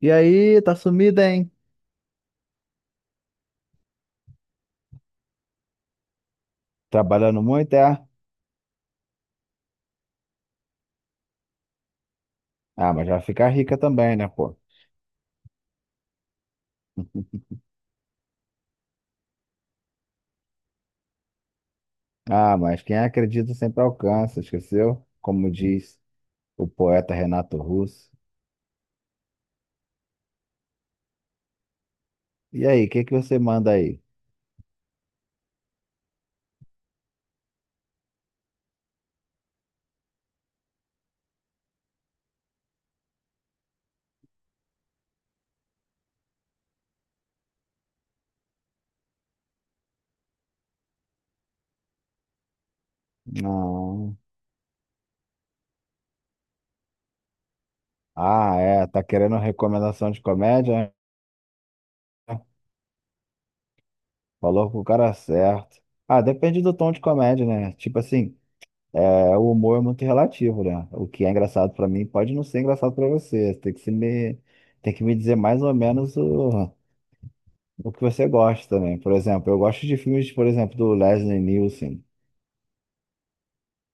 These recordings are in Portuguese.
E aí, tá sumida, hein? Trabalhando muito, é? Ah, mas vai ficar rica também, né, pô? Ah, mas quem acredita sempre alcança, esqueceu? Como diz o poeta Renato Russo. E aí, o que que você manda aí? Não. Ah, é, tá querendo recomendação de comédia? Né? Falou com o cara certo. Ah, depende do tom de comédia, né? Tipo assim, é, o humor é muito relativo, né? O que é engraçado pra mim pode não ser engraçado pra você. Você Tem que se me, tem que me dizer mais ou menos o, que você gosta, né? Por exemplo, eu gosto de filmes, por exemplo, do Leslie Nielsen.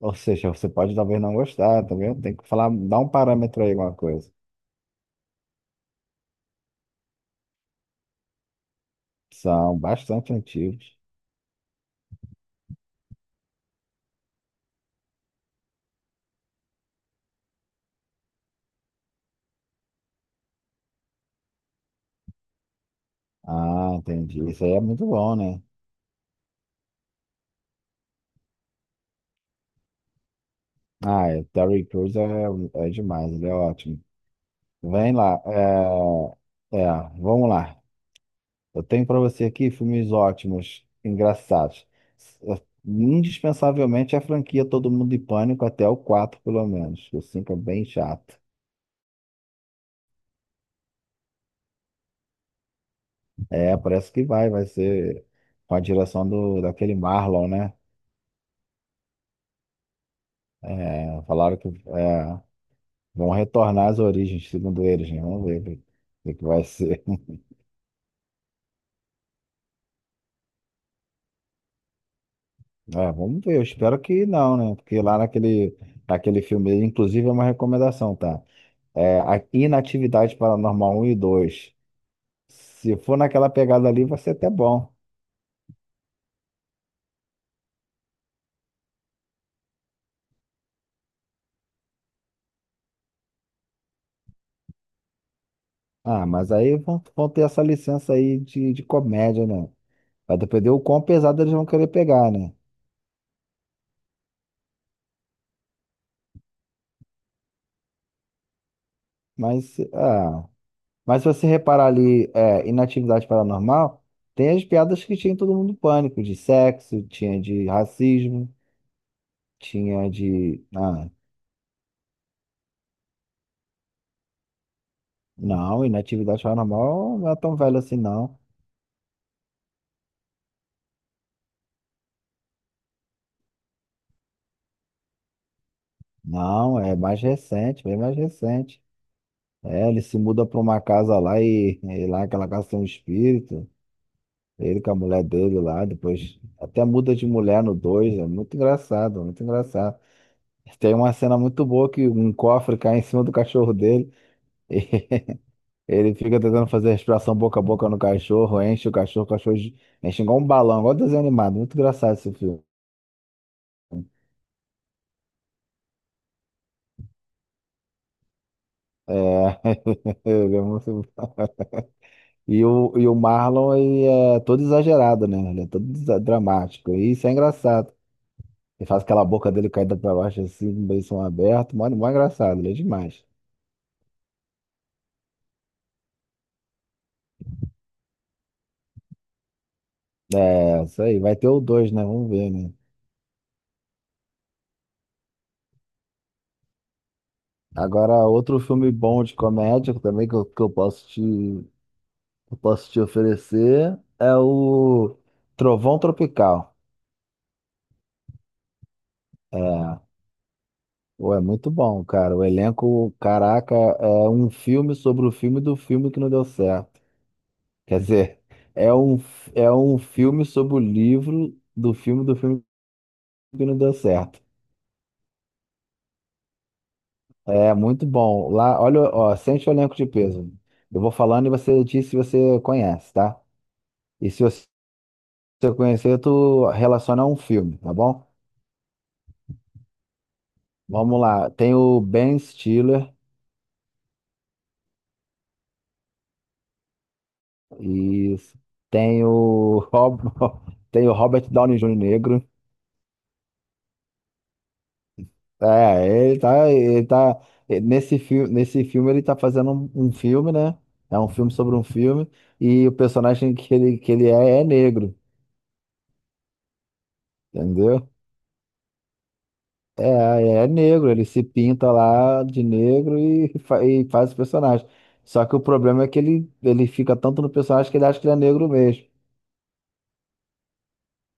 Ou seja, você pode talvez não gostar, também tem que falar, dar um parâmetro aí, alguma coisa. São bastante antigos. Ah, entendi. Isso aí é muito bom, né? Ah, é, Terry Crews é, é, demais, ele é ótimo. Vem lá, é, é, vamos lá. Eu tenho para você aqui filmes ótimos, engraçados. S- Indispensavelmente, a franquia Todo Mundo em Pânico, até o 4, pelo menos. O 5 é bem chato. É, parece que vai, ser com a direção daquele Marlon, né? É, falaram vão retornar às origens, segundo eles, né? Vamos ver o que vai ser. É, vamos ver, eu espero que não, né? Porque lá naquele filme, inclusive é uma recomendação, tá? É, a Inatividade Paranormal um e dois. Se for naquela pegada ali, vai ser até bom. Ah, mas aí vão ter essa licença aí de comédia, né? Vai depender o quão pesado eles vão querer pegar, né? Mas, ah, Mas se você reparar ali, inatividade paranormal, tem as piadas que tinha em Todo Mundo em Pânico, de sexo, tinha de racismo, tinha de. Ah, não, inatividade paranormal não é tão velho assim, não. Não, é mais recente, bem mais recente. É, ele se muda para uma casa lá e lá naquela casa tem um espírito. Ele com a mulher dele lá, depois até muda de mulher no dois. É muito engraçado, muito engraçado. Tem uma cena muito boa que um cofre cai em cima do cachorro dele. Ele fica tentando fazer respiração boca a boca no cachorro, enche o cachorro enche igual um balão, igual desenho animado. Muito engraçado esse filme. É, ele é muito... bom. E o Marlon, ele é todo exagerado, né? Ele é todo dramático. E isso é engraçado. Ele faz aquela boca dele caída pra baixo, assim, com o beição aberto. Mó, mó engraçado, ele é demais. É, isso aí. Vai ter o dois, né? Vamos ver, né? Agora, outro filme bom de comédia também que eu posso te oferecer é o Trovão Tropical. É, pô, é muito bom, cara. O elenco, caraca, é um filme sobre o filme do filme que não deu certo. Quer dizer, é um, é um filme sobre o livro do filme que não deu certo. É muito bom. Lá, olha, ó, sente o elenco de peso. Eu vou falando e você diz se você conhece, tá? E se você conhecer, tu relaciona a um filme, tá bom? Vamos lá. Tem o Ben Stiller. Isso. Tem o, Rob... tem o Robert Downey Jr. negro. É, ele tá nesse filme ele tá fazendo um filme, né? É um filme sobre um filme e o personagem que ele é negro, entendeu? É, é negro, ele se pinta lá de negro e faz o personagem. Só que o problema é que ele fica tanto no personagem que ele acha que ele é negro mesmo.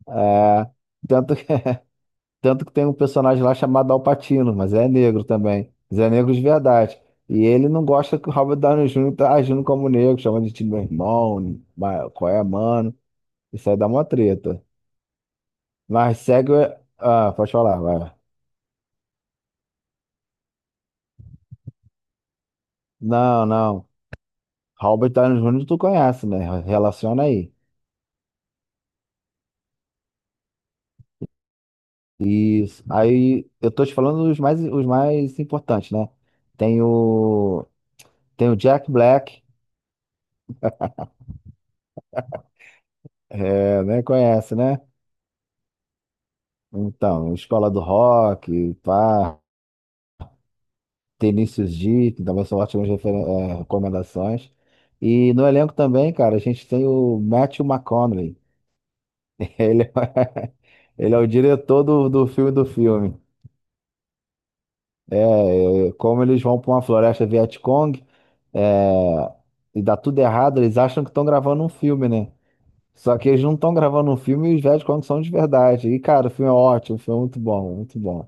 É, tanto que Tanto que tem um personagem lá chamado Al Pacino, mas é negro também. Mas é negro de verdade. E ele não gosta que o Robert Downey Jr. tá agindo como negro, chamando de time meu irmão, qual é, mano? Isso aí dá uma treta. Mas segue. Ah, pode falar, vai. Não, não. Robert Downey Jr. tu conhece, né? Relaciona aí. Isso. Aí eu tô te falando os mais importantes, né? Tem o, tem o Jack Black, é, né? Conhece, né? Então, Escola do Rock, pá, Vinícius D, que também são ótimas recomendações. E no elenco também, cara, a gente tem o Matthew McConaughey. Ele é, ele é o diretor do filme do filme. Como eles vão para uma floresta Vietcong, é, e dá tudo errado, eles acham que estão gravando um filme, né? Só que eles não estão gravando um filme e os Vietcong são de verdade. E, cara, o filme é ótimo, o filme é muito bom, muito bom.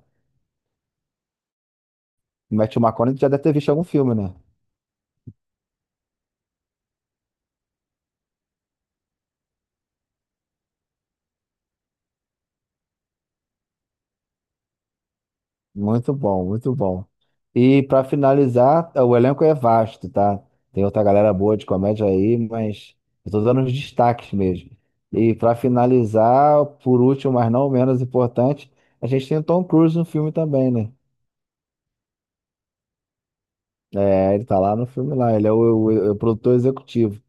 O Matthew McConaughey já deve ter visto algum filme, né? Muito bom, muito bom. E para finalizar, o elenco é vasto, tá? Tem outra galera boa de comédia aí, mas eu tô dando os destaques mesmo. E para finalizar, por último, mas não menos importante, a gente tem o Tom Cruise no filme também, né? É, ele tá lá no filme lá, ele é o produtor executivo.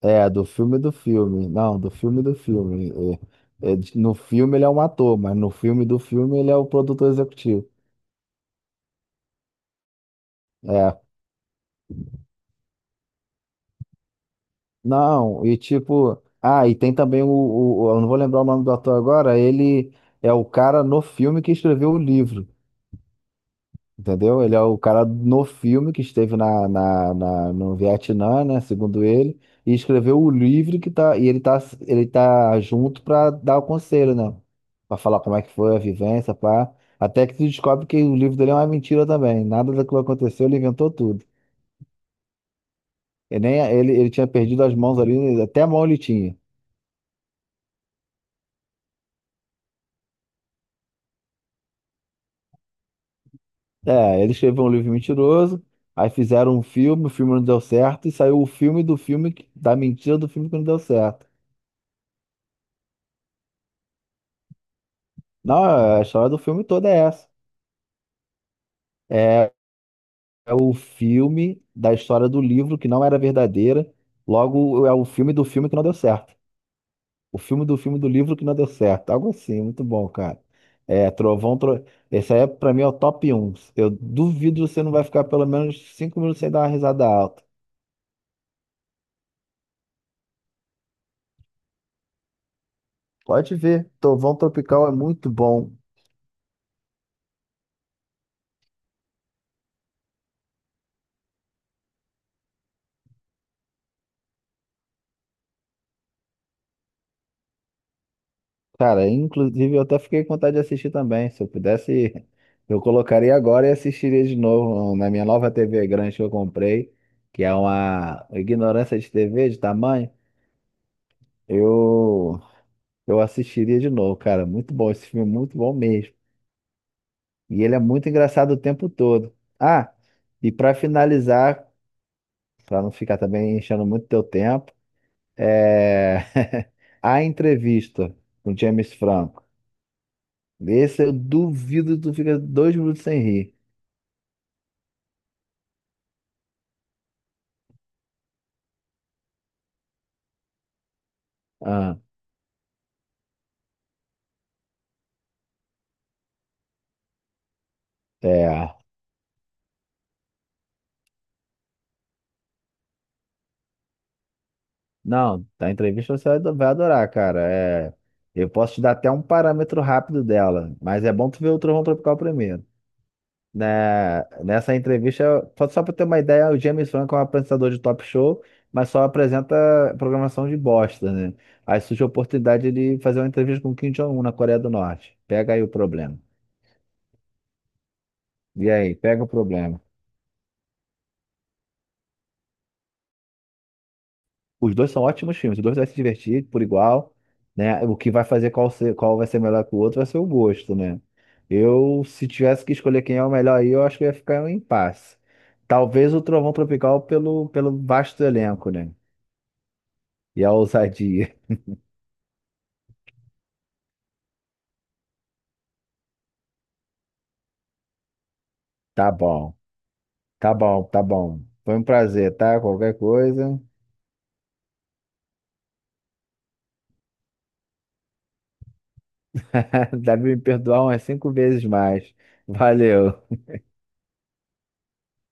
É, do filme do filme. Não, do filme do filme. No filme ele é um ator, mas no filme do filme ele é o produtor executivo. É. Não, e tipo, e tem também o eu não vou lembrar o nome do ator agora, ele é o cara no filme que escreveu o livro, entendeu? Ele é o cara no filme que esteve no Vietnã, né, segundo ele, e escreveu o livro e ele tá junto pra dar o conselho, né? Pra falar como é que foi a vivência, pá. Até que se descobre que o livro dele é uma mentira também, nada daquilo aconteceu, ele inventou tudo. Ele, nem, ele tinha perdido as mãos ali, até a mão ele tinha. É, ele escreveu um livro mentiroso, aí fizeram um filme, o filme não deu certo, e saiu o filme do filme, da mentira do filme que não deu certo. Não, a história do filme toda é essa. É, é o filme da história do livro que não era verdadeira, logo é o filme do filme que não deu certo. O filme do livro que não deu certo. Algo assim, muito bom, cara. É, Esse aí, é, pra mim, é o top um. Eu duvido você não vai ficar pelo menos 5 minutos sem dar uma risada alta. Pode ver, Trovão Tropical é muito bom. Cara, inclusive eu até fiquei com vontade de assistir também. Se eu pudesse, eu colocaria agora e assistiria de novo um, na minha nova TV grande que eu comprei, que é uma ignorância de TV de tamanho. Eu eu assistiria de novo, cara. Muito bom esse filme, é muito bom mesmo. E ele é muito engraçado o tempo todo. Ah, e pra finalizar, pra não ficar também enchendo muito teu tempo, é a entrevista com James Franco. Esse eu duvido que tu fica 2 minutos sem rir. Ah, é. Não, da entrevista você vai adorar, cara. É, eu posso te dar até um parâmetro rápido dela, mas é bom tu ver o Trovão Tropical primeiro. Né, nessa entrevista, só pra ter uma ideia, o James Franco é um apresentador de talk show, mas só apresenta programação de bosta, né? Aí surge a oportunidade de fazer uma entrevista com Kim Jong-un na Coreia do Norte. Pega aí o problema. E aí, pega o problema. Os dois são ótimos filmes, os dois vai se divertir por igual, né? O que vai fazer qual vai ser melhor que o outro vai ser o gosto, né? Eu, se tivesse que escolher quem é o melhor aí, eu acho que ia ficar em um impasse. Talvez o Trovão Tropical pelo vasto elenco, né? E a ousadia. Tá bom, tá bom, tá bom. Foi um prazer, tá? Qualquer coisa. Deve me perdoar umas cinco vezes mais. Valeu.